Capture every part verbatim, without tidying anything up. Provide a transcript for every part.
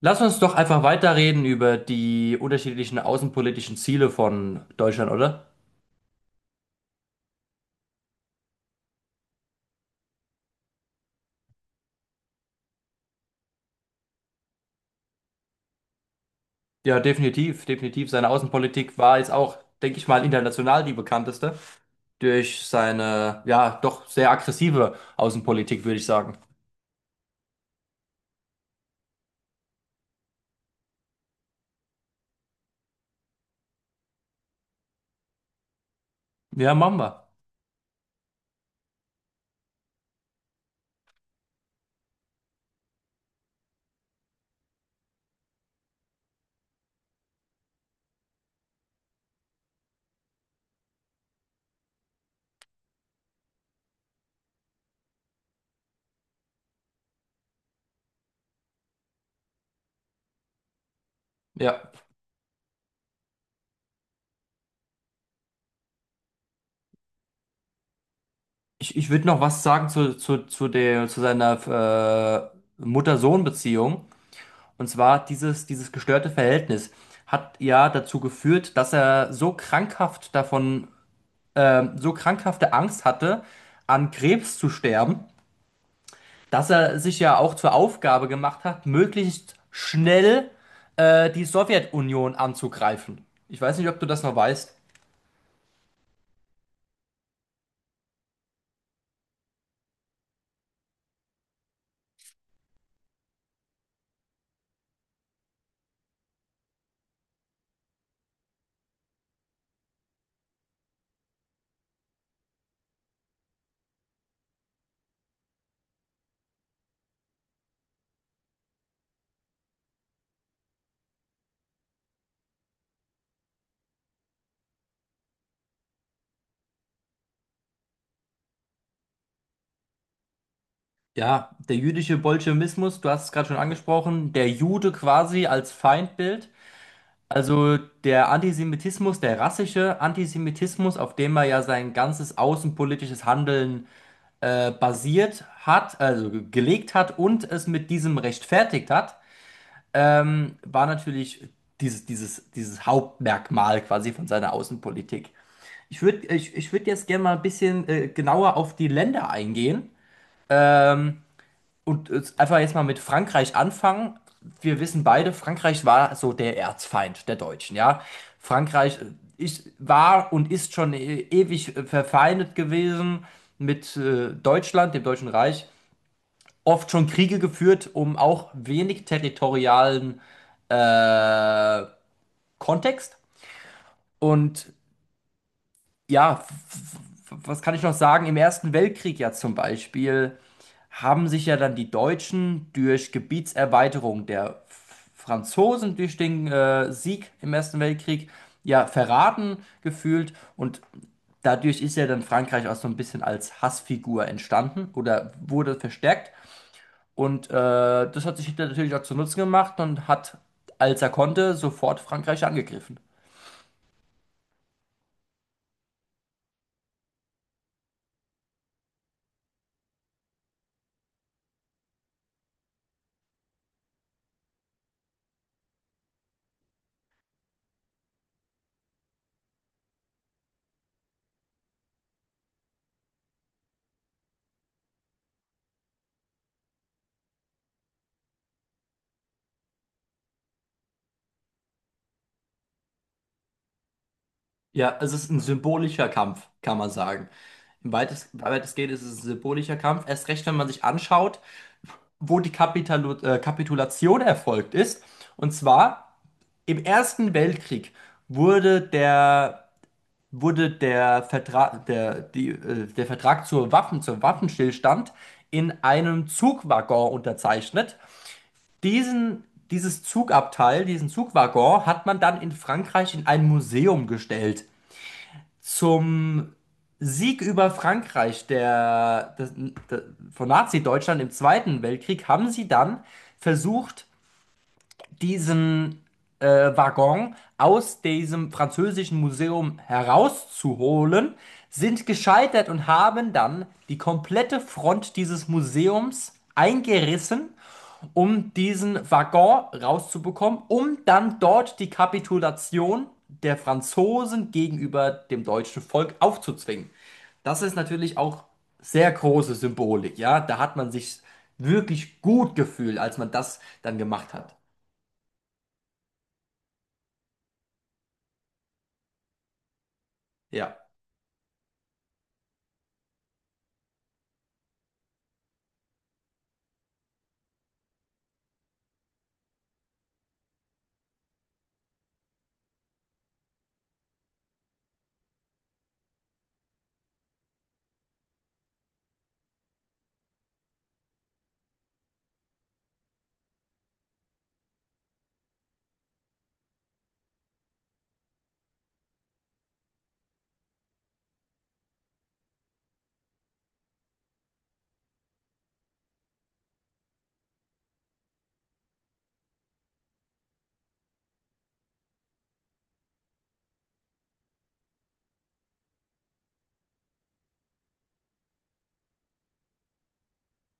Lass uns doch einfach weiterreden über die unterschiedlichen außenpolitischen Ziele von Deutschland, oder? Ja, definitiv, definitiv. Seine Außenpolitik war jetzt auch, denke ich mal, international die bekannteste durch seine, ja, doch sehr aggressive Außenpolitik, würde ich sagen. Ja, machen wir. Ja. Ich, ich würde noch was sagen zu, zu, zu der, zu seiner äh, Mutter-Sohn-Beziehung. Und zwar dieses, dieses gestörte Verhältnis hat ja dazu geführt, dass er so krankhaft davon ähm, so krankhafte Angst hatte, an Krebs zu sterben, dass er sich ja auch zur Aufgabe gemacht hat, möglichst schnell äh, die Sowjetunion anzugreifen. Ich weiß nicht, ob du das noch weißt. Ja, der jüdische Bolschewismus, du hast es gerade schon angesprochen, der Jude quasi als Feindbild. Also der Antisemitismus, der rassische Antisemitismus, auf dem er ja sein ganzes außenpolitisches Handeln äh, basiert hat, also gelegt hat und es mit diesem rechtfertigt hat, war natürlich dieses, dieses, dieses Hauptmerkmal quasi von seiner Außenpolitik. Ich würde ich, ich würd jetzt gerne mal ein bisschen äh, genauer auf die Länder eingehen und äh, einfach jetzt mal mit Frankreich anfangen. Wir wissen beide, Frankreich war so der Erzfeind der Deutschen, ja. Frankreich äh, ist, war und ist schon äh, ewig äh, verfeindet gewesen mit äh, Deutschland, dem Deutschen Reich. Oft schon Kriege geführt, um auch wenig territorialen Kontext. Und ja, was kann ich noch sagen? Im Ersten Weltkrieg ja zum Beispiel haben sich ja dann die Deutschen durch Gebietserweiterung der Franzosen durch den äh, Sieg im Ersten Weltkrieg ja verraten gefühlt und dadurch ist ja dann Frankreich auch so ein bisschen als Hassfigur entstanden oder wurde verstärkt und äh, das hat sich Hitler natürlich auch zu Nutzen gemacht und hat, als er konnte, sofort Frankreich angegriffen. Ja, es ist ein symbolischer Kampf, kann man sagen. Im weitest, weitestgehend ist es ein symbolischer Kampf. Erst recht, wenn man sich anschaut, wo die Kapitalu äh, Kapitulation erfolgt ist. Und zwar im Ersten Weltkrieg wurde der, wurde der Vertrag, der, die, äh, der Vertrag zur Waffen, zum Waffenstillstand in einem Zugwaggon unterzeichnet. Diesen, Dieses Zugabteil, diesen Zugwaggon hat man dann in Frankreich in ein Museum gestellt. Zum Sieg über Frankreich der, des- de- von Nazi-Deutschland im Zweiten Weltkrieg haben sie dann versucht, diesen äh, Waggon aus diesem französischen Museum herauszuholen, sind gescheitert und haben dann die komplette Front dieses Museums eingerissen, um diesen Waggon rauszubekommen, um dann dort die Kapitulation der Franzosen gegenüber dem deutschen Volk aufzuzwingen. Das ist natürlich auch sehr große Symbolik, ja. Da hat man sich wirklich gut gefühlt, als man das dann gemacht hat. Ja.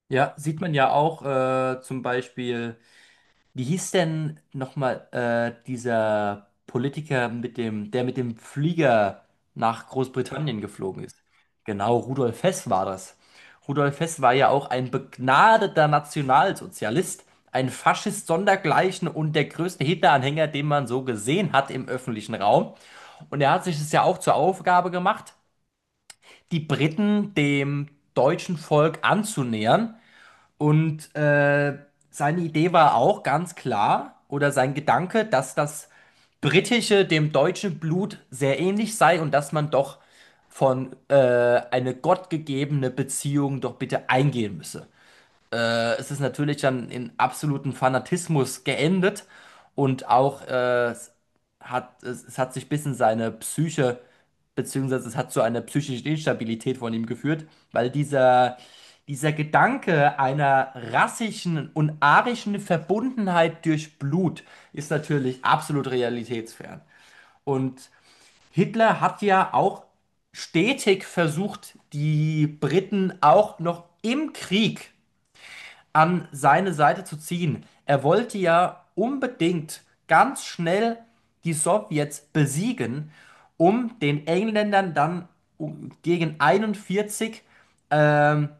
Ja, sieht man ja auch äh, zum Beispiel. Wie hieß denn nochmal äh, dieser Politiker mit dem, der mit dem Flieger nach Großbritannien geflogen ist? Genau, Rudolf Hess war das. Rudolf Hess war ja auch ein begnadeter Nationalsozialist, ein Faschist sondergleichen und der größte Hitler-Anhänger, den man so gesehen hat im öffentlichen Raum. Und er hat sich es ja auch zur Aufgabe gemacht, die Briten dem deutschen Volk anzunähern und äh, seine Idee war auch ganz klar, oder sein Gedanke, dass das britische dem deutschen Blut sehr ähnlich sei und dass man doch von äh, eine gottgegebene Beziehung doch bitte eingehen müsse. Es ist natürlich dann in absoluten Fanatismus geendet und auch äh, es hat, es, es hat sich ein bisschen seine Psyche, beziehungsweise es hat zu einer psychischen Instabilität von ihm geführt, weil dieser, dieser Gedanke einer rassischen und arischen Verbundenheit durch Blut ist natürlich absolut realitätsfern. Und Hitler hat ja auch stetig versucht, die Briten auch noch im Krieg an seine Seite zu ziehen. Er wollte ja unbedingt ganz schnell die Sowjets besiegen, um den Engländern dann um- gegen einundvierzig ähm,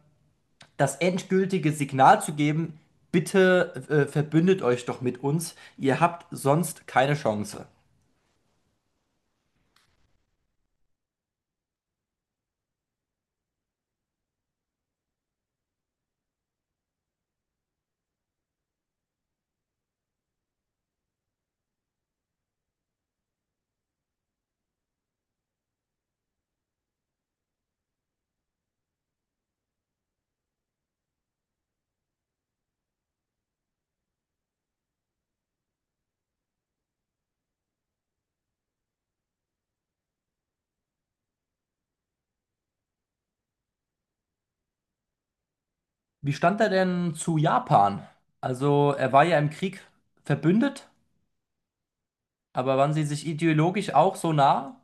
das endgültige Signal zu geben, bitte äh, verbündet euch doch mit uns, ihr habt sonst keine Chance. Wie stand er denn zu Japan? Also er war ja im Krieg verbündet, aber waren sie sich ideologisch auch so nah?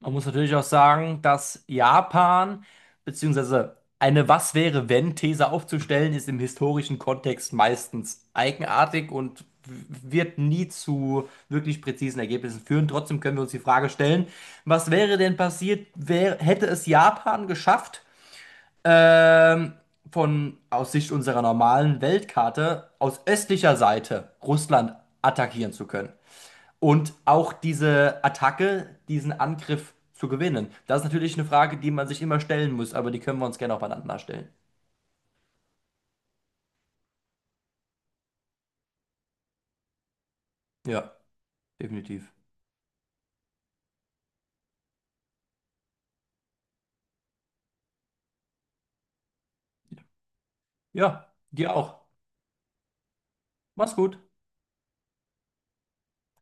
Man muss natürlich auch sagen, dass Japan, beziehungsweise eine Was wäre, wenn These aufzustellen ist im historischen Kontext meistens eigenartig und w- wird nie zu wirklich präzisen Ergebnissen führen Trotzdem können wir uns die Frage stellen, was wäre denn passiert, wär, hätte es Japan geschafft, ähm, von aus Sicht unserer normalen Weltkarte aus östlicher Seite Russland attackieren zu können. Und auch diese Attacke, diesen Angriff zu gewinnen. Das ist natürlich eine Frage, die man sich immer stellen muss, aber die können wir uns gerne auch beieinander stellen. Ja, definitiv. Ja, dir auch. Mach's gut.